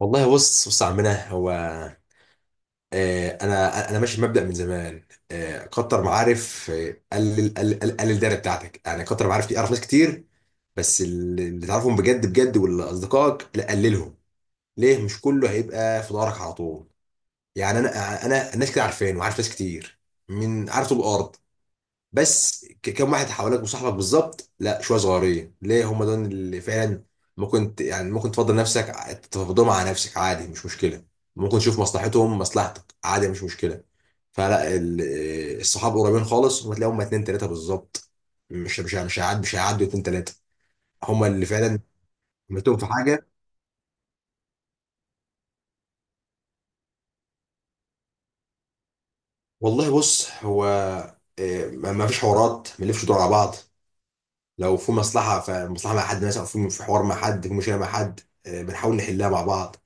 والله، بص يا عمنا، هو انا ماشي بمبدأ من زمان. كتر معارف. قلل قلل قلل قلل الدايره بتاعتك، يعني كتر معارف دي اعرف ناس كتير. بس اللي تعرفهم بجد بجد، واللي اصدقائك لا قللهم. ليه؟ مش كله هيبقى في دارك على طول. يعني انا الناس كده عارفين، وعارف ناس كتير من عارف طول الارض. بس كم واحد حواليك وصاحبك بالظبط؟ لا، شويه صغيرين، ليه هم دول اللي فعلا ممكن يعني ممكن تفضل نفسك، تفضلهم على نفسك، عادي مش مشكله. ممكن تشوف مصلحتهم مصلحتك، عادي مش مشكله. فلا الصحاب قريبين خالص، وتلاقيهم هم تلاقيهم اتنين تلاته بالظبط. مش هيعدوا اتنين تلاته. هم اللي فعلا عملتهم في حاجه. والله بص هو، ما فيش حوارات، ما نلفش دور على بعض. لو في مصلحه، فمصلحه مع حد مثلا، او في حوار مع حد، في مشكله مع حد، بنحاول نحلها مع بعض.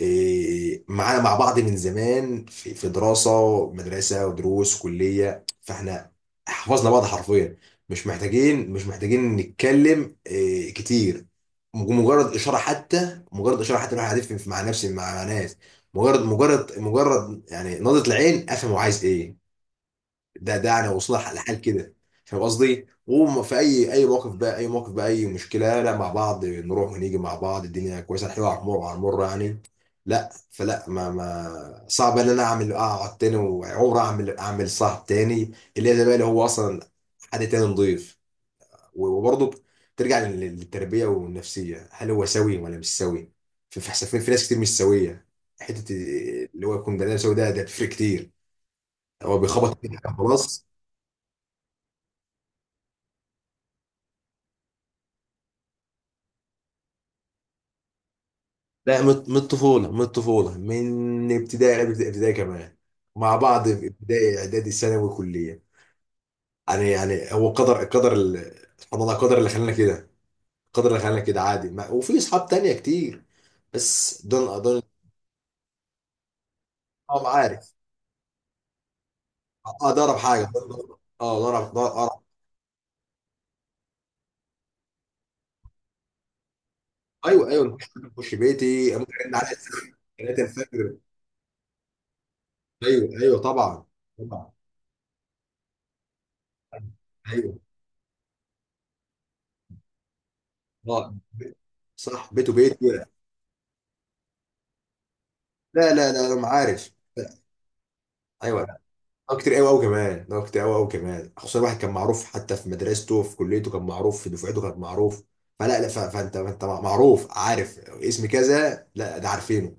معانا مع بعض من زمان، في دراسه، مدرسه ودروس كليه، فاحنا حفظنا بعض حرفيا. مش محتاجين نتكلم كتير. مجرد اشاره حتى، مجرد اشاره حتى الواحد هيفهم مع نفسه، مع ناس. مجرد يعني نظره العين، افهم هو عايز ايه. ده انا واصلها لحال كده. فاهم قصدي؟ وفي اي اي موقف بقى اي موقف بقى، اي مشكله، لا، مع بعض نروح ونيجي مع بعض، الدنيا كويسه، الحلوه على المر على المر يعني. لا فلا، ما صعب ان انا اقعد تاني، وعمر اعمل صاحب تاني اللي هي زي بقى، اللي هو اصلا حد تاني نضيف. وبرضه ترجع للتربيه والنفسيه، هل هو سوي ولا مش سوي؟ في حسافين، في ناس كتير مش سويه. حته اللي هو يكون بني آدم سوي، ده بيفرق كتير. هو بيخبط في حاجة خلاص. لا، من الطفولة، من الطفولة، من ابتدائي، ابتدائي كمان، مع بعض في ابتدائي، اعدادي، ثانوي، كلية. يعني هو سبحان الله، قدر اللي خلانا كده، قدر اللي خلانا كده، عادي. ما وفي اصحاب تانية كتير، بس دول دول. اه، عارف. اه، ده اقرب حاجة، ده اقرب، ده اقرب. ايوه، ايوه، ممكن حد يخش بيتي، ممكن ارن عليه الساعة 3 الفجر. ايوه، ايوه، طبعا، طبعا، ايوه. اه صح، بيته بيتي، لا. لا، لا، انا عارف. ايوه. اه، كتير قوي قوي كمان، خصوصا الواحد كان معروف، حتى في مدرسته، في كليته كان معروف، في دفعته كان معروف. فلا لا، فانت معروف، عارف اسم كذا، لا ده عارفينه،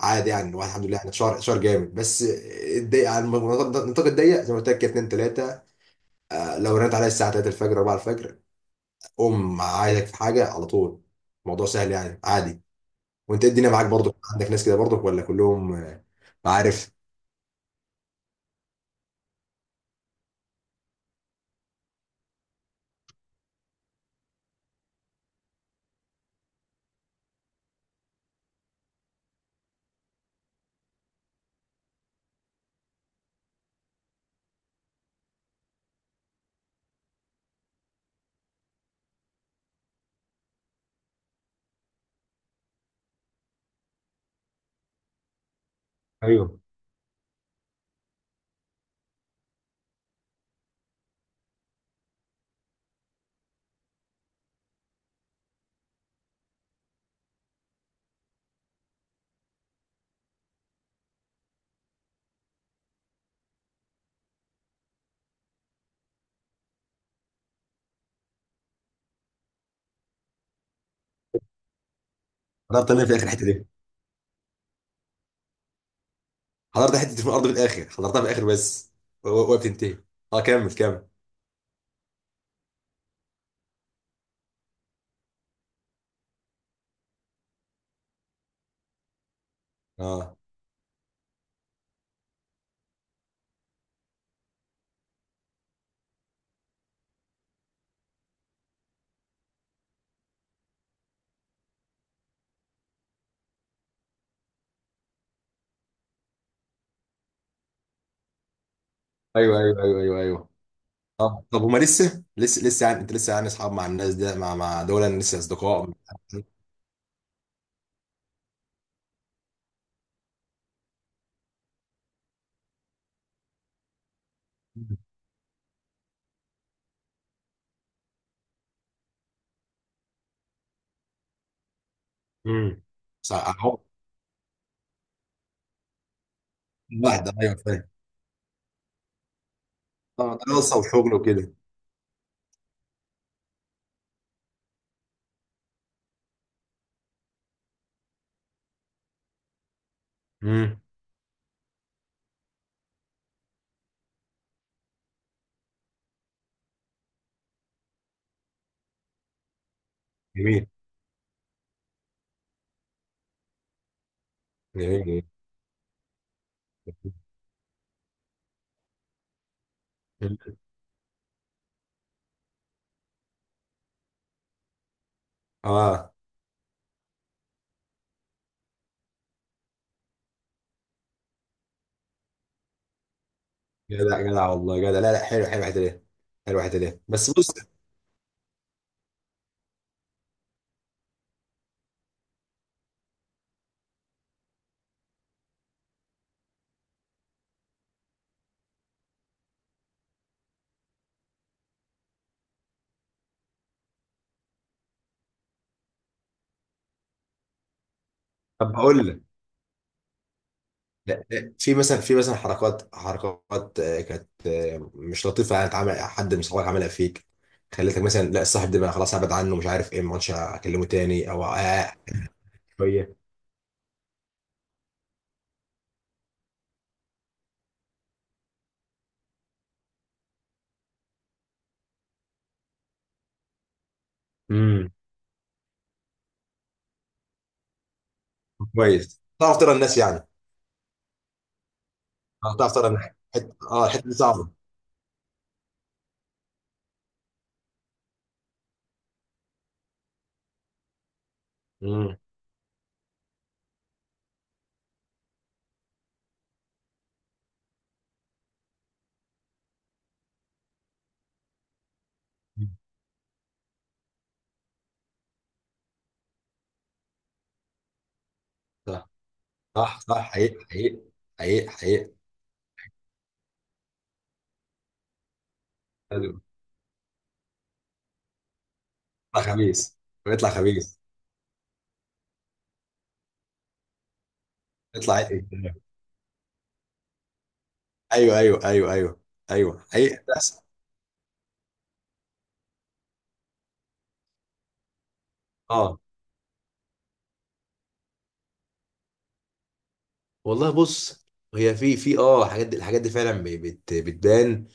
عادي يعني. الواحد الحمد لله، احنا شهر شهر جامد بس، الضيق على النطاق الضيق زي ما قلت لك كده، 2 3. لو رنت عليا الساعه 3 الفجر، 4 الفجر، قوم عايزك في حاجه على طول، الموضوع سهل يعني، عادي. وانت إيه الدنيا معاك برضك، عندك ناس كده برضك ولا كلهم عارف؟ ايوه. انا بتعمل في اخر الحته، حضرت حته في الارض في الاخر، حضرتها في الاخر بس وقت تنتهي. اه، كمل كمل. اه، ايوه، ايوه، ايوه، ايوه، ايوه. اه طب، هما لسه يعني، انت لسه يعني اصحاب مع الناس ده، مع دول لسه اصدقاء؟ امم. صح، واحده، ايوه فاهم. اه، دراسه وشغل وكده. امم. جميل، جميل، جميل. اه، جدع جدع والله جدع، لا لا، حلو، حلو الحته دي، حلو الحته دي، بس بص. طب هقول لك. لا، لا، في مثلا حركات حركات كانت مش لطيفه يعني، اتعمل حد من صحابك عملها فيك، خليتك مثلا، لا الصاحب ده بقى خلاص ابعد عنه، مش عارف ايه، ما عادش اكلمه تاني، او شويه. امم. كويس تعرف ترى الناس يعني. تعرف ترى الناس. حت... اه الحته دي صعبه. امم. صح، صح، صح، حقيقي، حقيقي، حقيقي، حقيقي. حلو. يطلع خبيث، ويطلع خبيث، يطلع. ايوه، ايوه، ايوه، ايوه، ايوه، ايوه حقيقي بس. اه والله بص، هي في الحاجات دي فعلا ب- بت بتبان.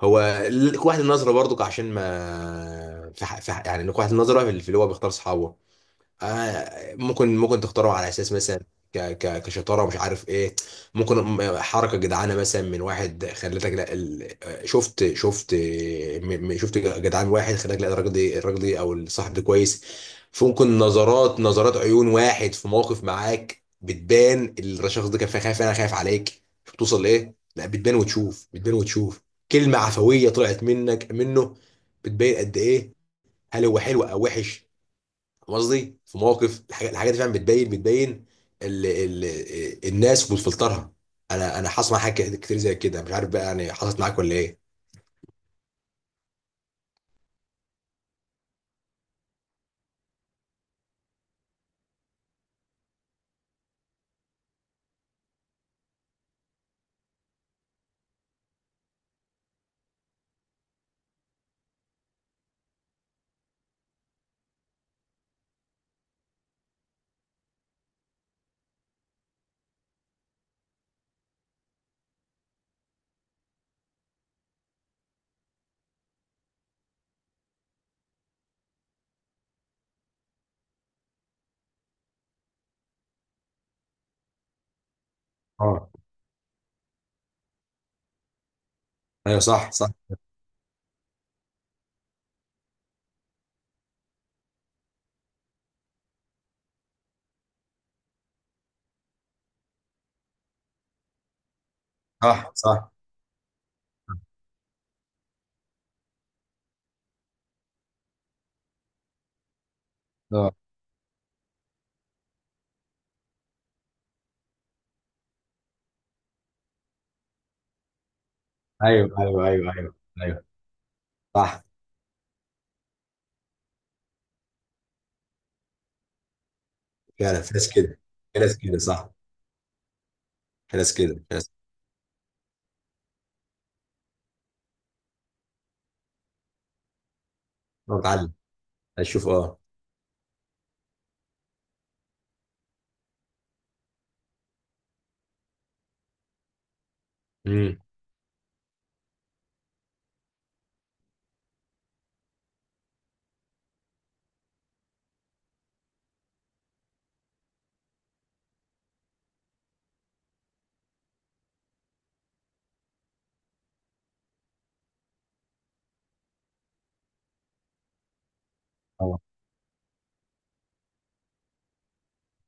هو قوة النظرة برضك، عشان ما يعني قوة النظرة في اللي هو بيختار صحابه. ممكن تختاره على اساس مثلا ك ك كشطاره، مش عارف ايه. ممكن حركه جدعانه مثلا من واحد خلتك، لا ال... آه، شفت. شفت جدعان واحد خلاك، لا الراجل ده، الراجل ده او الصاحب ده كويس. فممكن نظرات نظرات عيون واحد في موقف معاك بتبان، الشخص ده كان خايف، انا خايف عليك شوف توصل لايه، لا بتبان وتشوف، بتبان وتشوف. كلمه عفويه طلعت منك منه، بتبين قد ايه، هل هو حلو او وحش. فاهم قصدي؟ في مواقف، الحاجات دي فعلا بتبين، بتبين ال ال الناس وبتفلترها. انا حصل معايا حاجات كتير كتير زي كده، مش عارف بقى يعني، حصلت معاك ولا ايه؟ اه ايوه، صح، صح، صح، صح. اه، ايوه، ايوه، ايوه، ايوه، ايوه صح. فعلا في ناس كده، في ناس كده، صح. في ناس كده، في ناس. بالظبط اتعلم، اشوف، اه. امم. اه،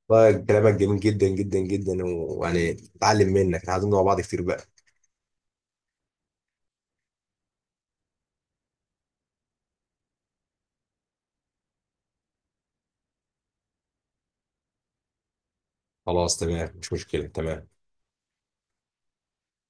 والله كلامك جميل جدا جدا جدا، ويعني اتعلمنا مع بعض كتير بقى. خلاص، تمام مش مشكلة، تمام.